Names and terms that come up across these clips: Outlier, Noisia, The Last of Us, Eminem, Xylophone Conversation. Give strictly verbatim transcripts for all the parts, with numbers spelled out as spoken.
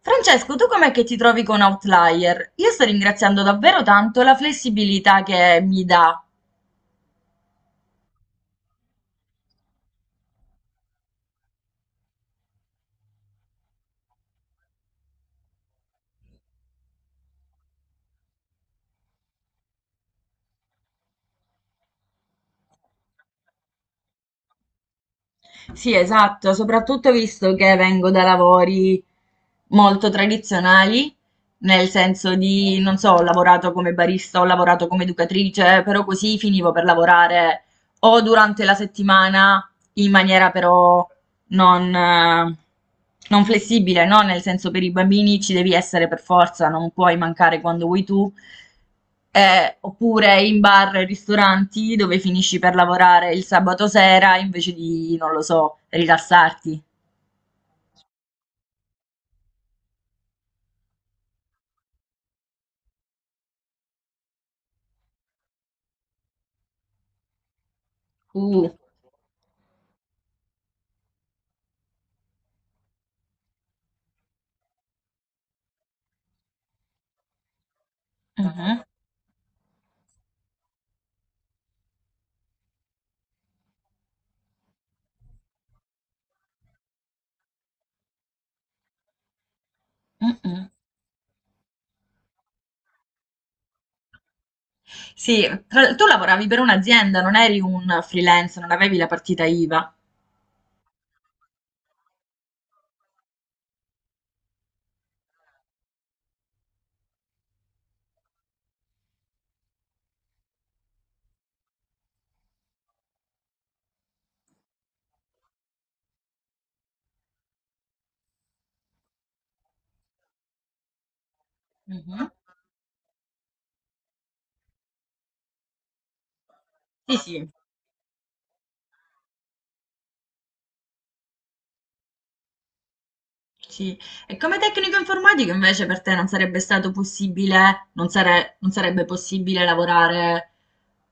Francesco, tu com'è che ti trovi con Outlier? Io sto ringraziando davvero tanto la flessibilità che mi dà. Sì, esatto, soprattutto visto che vengo da lavori molto tradizionali, nel senso di, non so, ho lavorato come barista, ho lavorato come educatrice, però così finivo per lavorare o durante la settimana in maniera però non, eh, non flessibile, no? Nel senso, per i bambini ci devi essere per forza, non puoi mancare quando vuoi tu. Eh, oppure in bar e ristoranti dove finisci per lavorare il sabato sera invece di, non lo so, rilassarti. Uh. Mhm, mhm. Sì, tra- tu lavoravi per un'azienda, non eri un freelance, non avevi la partita I V A. Mhm. Sì, sì. Sì. E come tecnico informatico invece per te non sarebbe stato possibile, non sare- non sarebbe possibile lavorare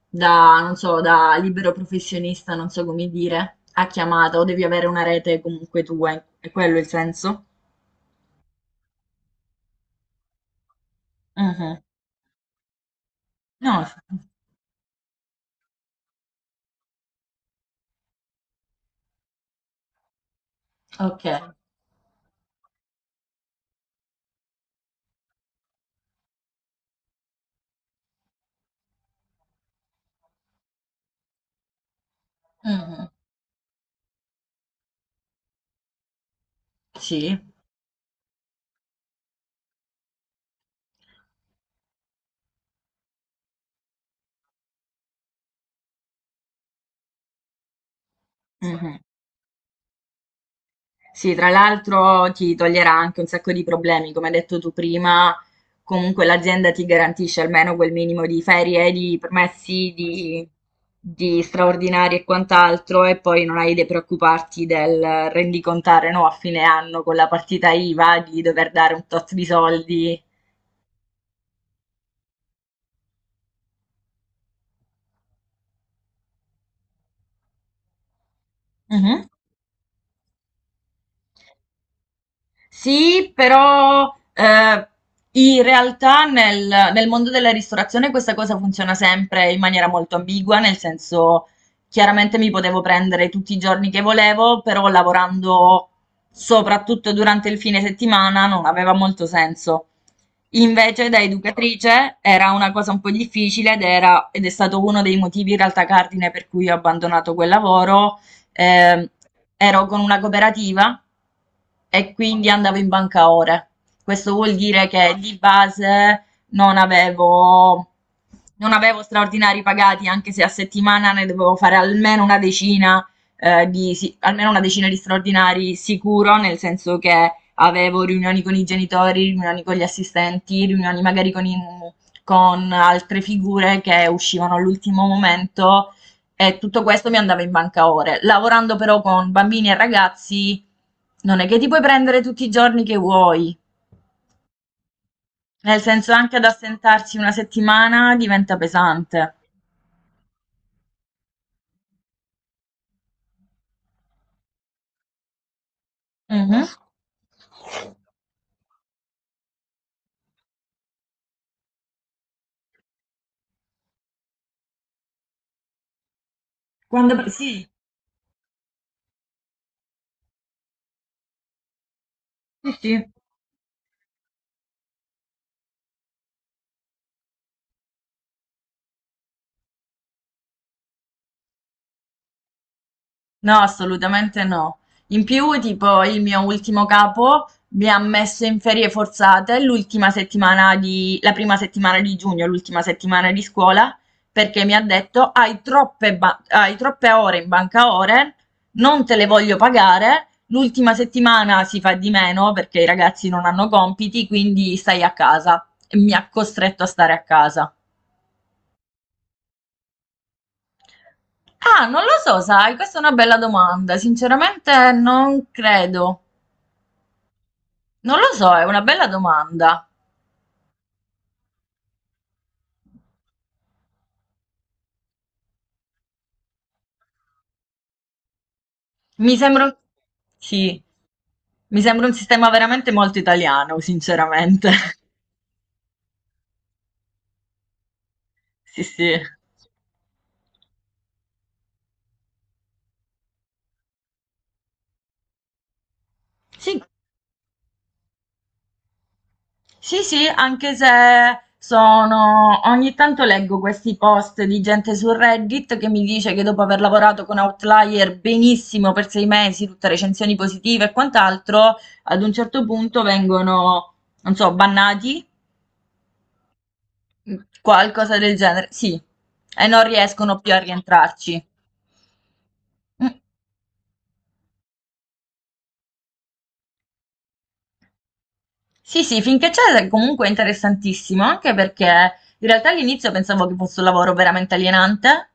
da, non so, da libero professionista, non so come dire, a chiamata, o devi avere una rete comunque tua, è quello il senso? Mhm. No, ok. Mhm. Sì. Mhm. Sì, tra l'altro ti toglierà anche un sacco di problemi, come hai detto tu prima, comunque l'azienda ti garantisce almeno quel minimo di ferie, di permessi, di, di straordinari e quant'altro, e poi non hai da preoccuparti del rendicontare, no, a fine anno con la partita I V A di dover dare un tot di soldi. Mhm. Sì, però eh, in realtà nel, nel mondo della ristorazione questa cosa funziona sempre in maniera molto ambigua, nel senso chiaramente mi potevo prendere tutti i giorni che volevo, però lavorando soprattutto durante il fine settimana non aveva molto senso. Invece da educatrice era una cosa un po' difficile ed era, ed è stato uno dei motivi in realtà cardine per cui ho abbandonato quel lavoro, ehm, ero con una cooperativa e quindi andavo in banca ore. Questo vuol dire che di base non avevo, non avevo straordinari pagati, anche se a settimana ne dovevo fare almeno una decina, eh, di, si- almeno una decina di straordinari sicuro, nel senso che avevo riunioni con i genitori, riunioni con gli assistenti, riunioni magari con, i- con altre figure che uscivano all'ultimo momento, e tutto questo mi andava in banca ore. Lavorando però con bambini e ragazzi, non è che ti puoi prendere tutti i giorni che vuoi. Nel senso, anche ad assentarsi una settimana diventa pesante. Mhm. Quando... Sì, sì, sì. No, assolutamente no. In più, tipo, il mio ultimo capo mi ha messo in ferie forzate l'ultima settimana di, la prima settimana di giugno, l'ultima settimana di scuola, perché mi ha detto: hai troppe, ba- hai troppe ore in banca ore, non te le voglio pagare, l'ultima settimana si fa di meno perché i ragazzi non hanno compiti, quindi stai a casa. E mi ha costretto a stare a casa. Ah, non lo so, sai, questa è una bella domanda. Sinceramente non credo. Non lo so, è una bella domanda. Mi sembra un... Sì, mi sembra un sistema veramente molto italiano, sinceramente. Sì, sì. Sì, sì, sì, anche se sono... Ogni tanto leggo questi post di gente su Reddit che mi dice che dopo aver lavorato con Outlier benissimo per sei mesi, tutte recensioni positive e quant'altro, ad un certo punto vengono, non so, bannati, qualcosa del genere. Sì, e non riescono più a rientrarci. Mm. Sì, sì, finché c'è comunque è interessantissimo, anche perché in realtà all'inizio pensavo che fosse un lavoro veramente alienante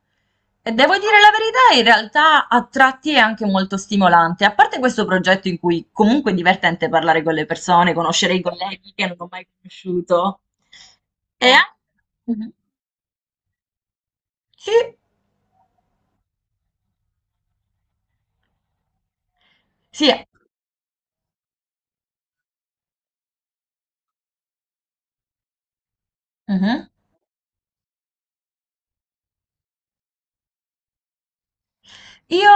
e devo dire la verità, in realtà a tratti è anche molto stimolante, a parte questo progetto in cui comunque è divertente parlare con le persone, conoscere i colleghi che non ho mai conosciuto. E anche... Mhm. Sì, sì. Mhm. Io,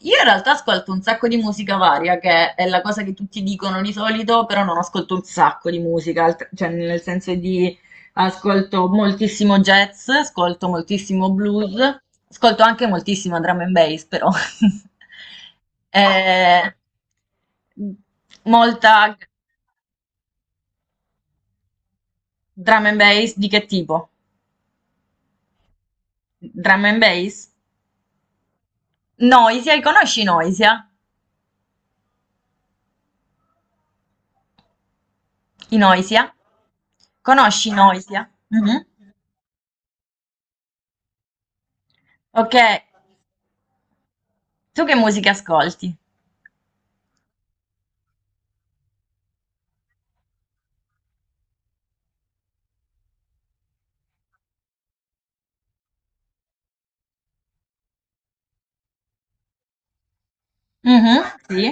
io in realtà ascolto un sacco di musica varia, che è la cosa che tutti dicono di solito, però non ascolto un sacco di musica, alt- cioè nel senso di ascolto moltissimo jazz, ascolto moltissimo blues, ascolto anche moltissima drum and bass, però. Eh, molta drum and bass di che tipo? Drum and bass? Noisia, conosci Noisia? I Noisia? Conosci Noisia? Mhm. Okay, tu che musica ascolti? Mh-mh, sì,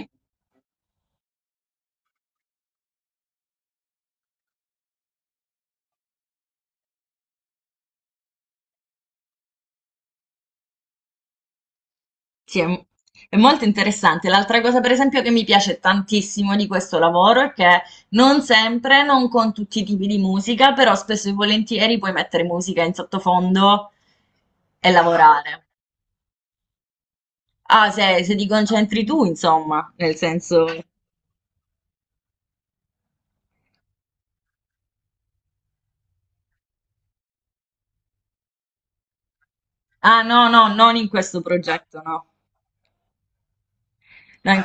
sì, è m è molto interessante. L'altra cosa per esempio che mi piace tantissimo di questo lavoro è che non sempre, non con tutti i tipi di musica, però spesso e volentieri puoi mettere musica in sottofondo e lavorare. Ah, se se ti concentri tu, insomma, nel senso... Ah, no, no, non in questo progetto, no. No, in...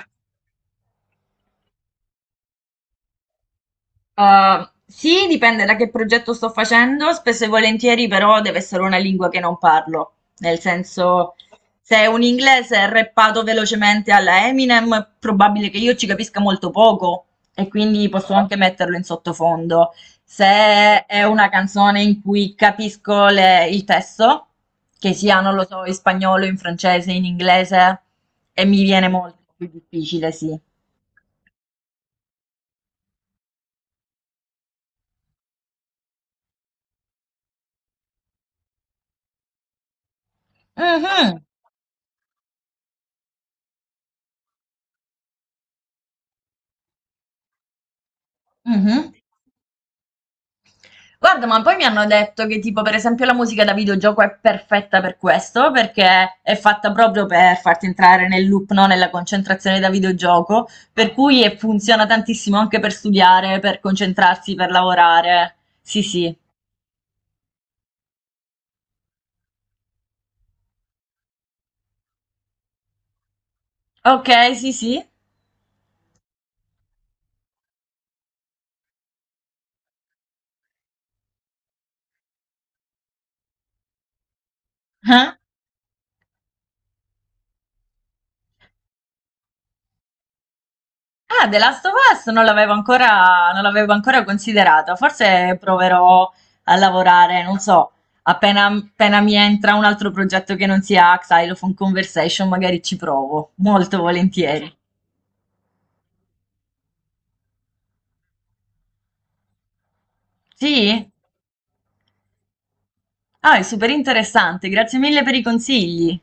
Uh, sì, dipende da che progetto sto facendo, spesso e volentieri però deve essere una lingua che non parlo, nel senso, se è un inglese rappato velocemente alla Eminem è probabile che io ci capisca molto poco e quindi posso anche metterlo in sottofondo. Se è una canzone in cui capisco le- il testo, che sia, non lo so, in spagnolo, in francese, in inglese, e mi viene molto più difficile, sì. Mhm, mhm. Guarda, ma poi mi hanno detto che tipo per esempio la musica da videogioco è perfetta per questo, perché è fatta proprio per farti entrare nel loop, no? Nella concentrazione da videogioco, per cui e funziona tantissimo anche per studiare, per concentrarsi, per lavorare. Sì, sì. Ok, sì, sì. Eh? Ah, The Last of Us non l'avevo ancora, non l'avevo ancora considerato. Forse proverò a lavorare, non so, appena, appena mi entra un altro progetto che non sia Xylophone Conversation, magari ci provo, molto volentieri. Sì? Ah, è super interessante, grazie mille per i consigli.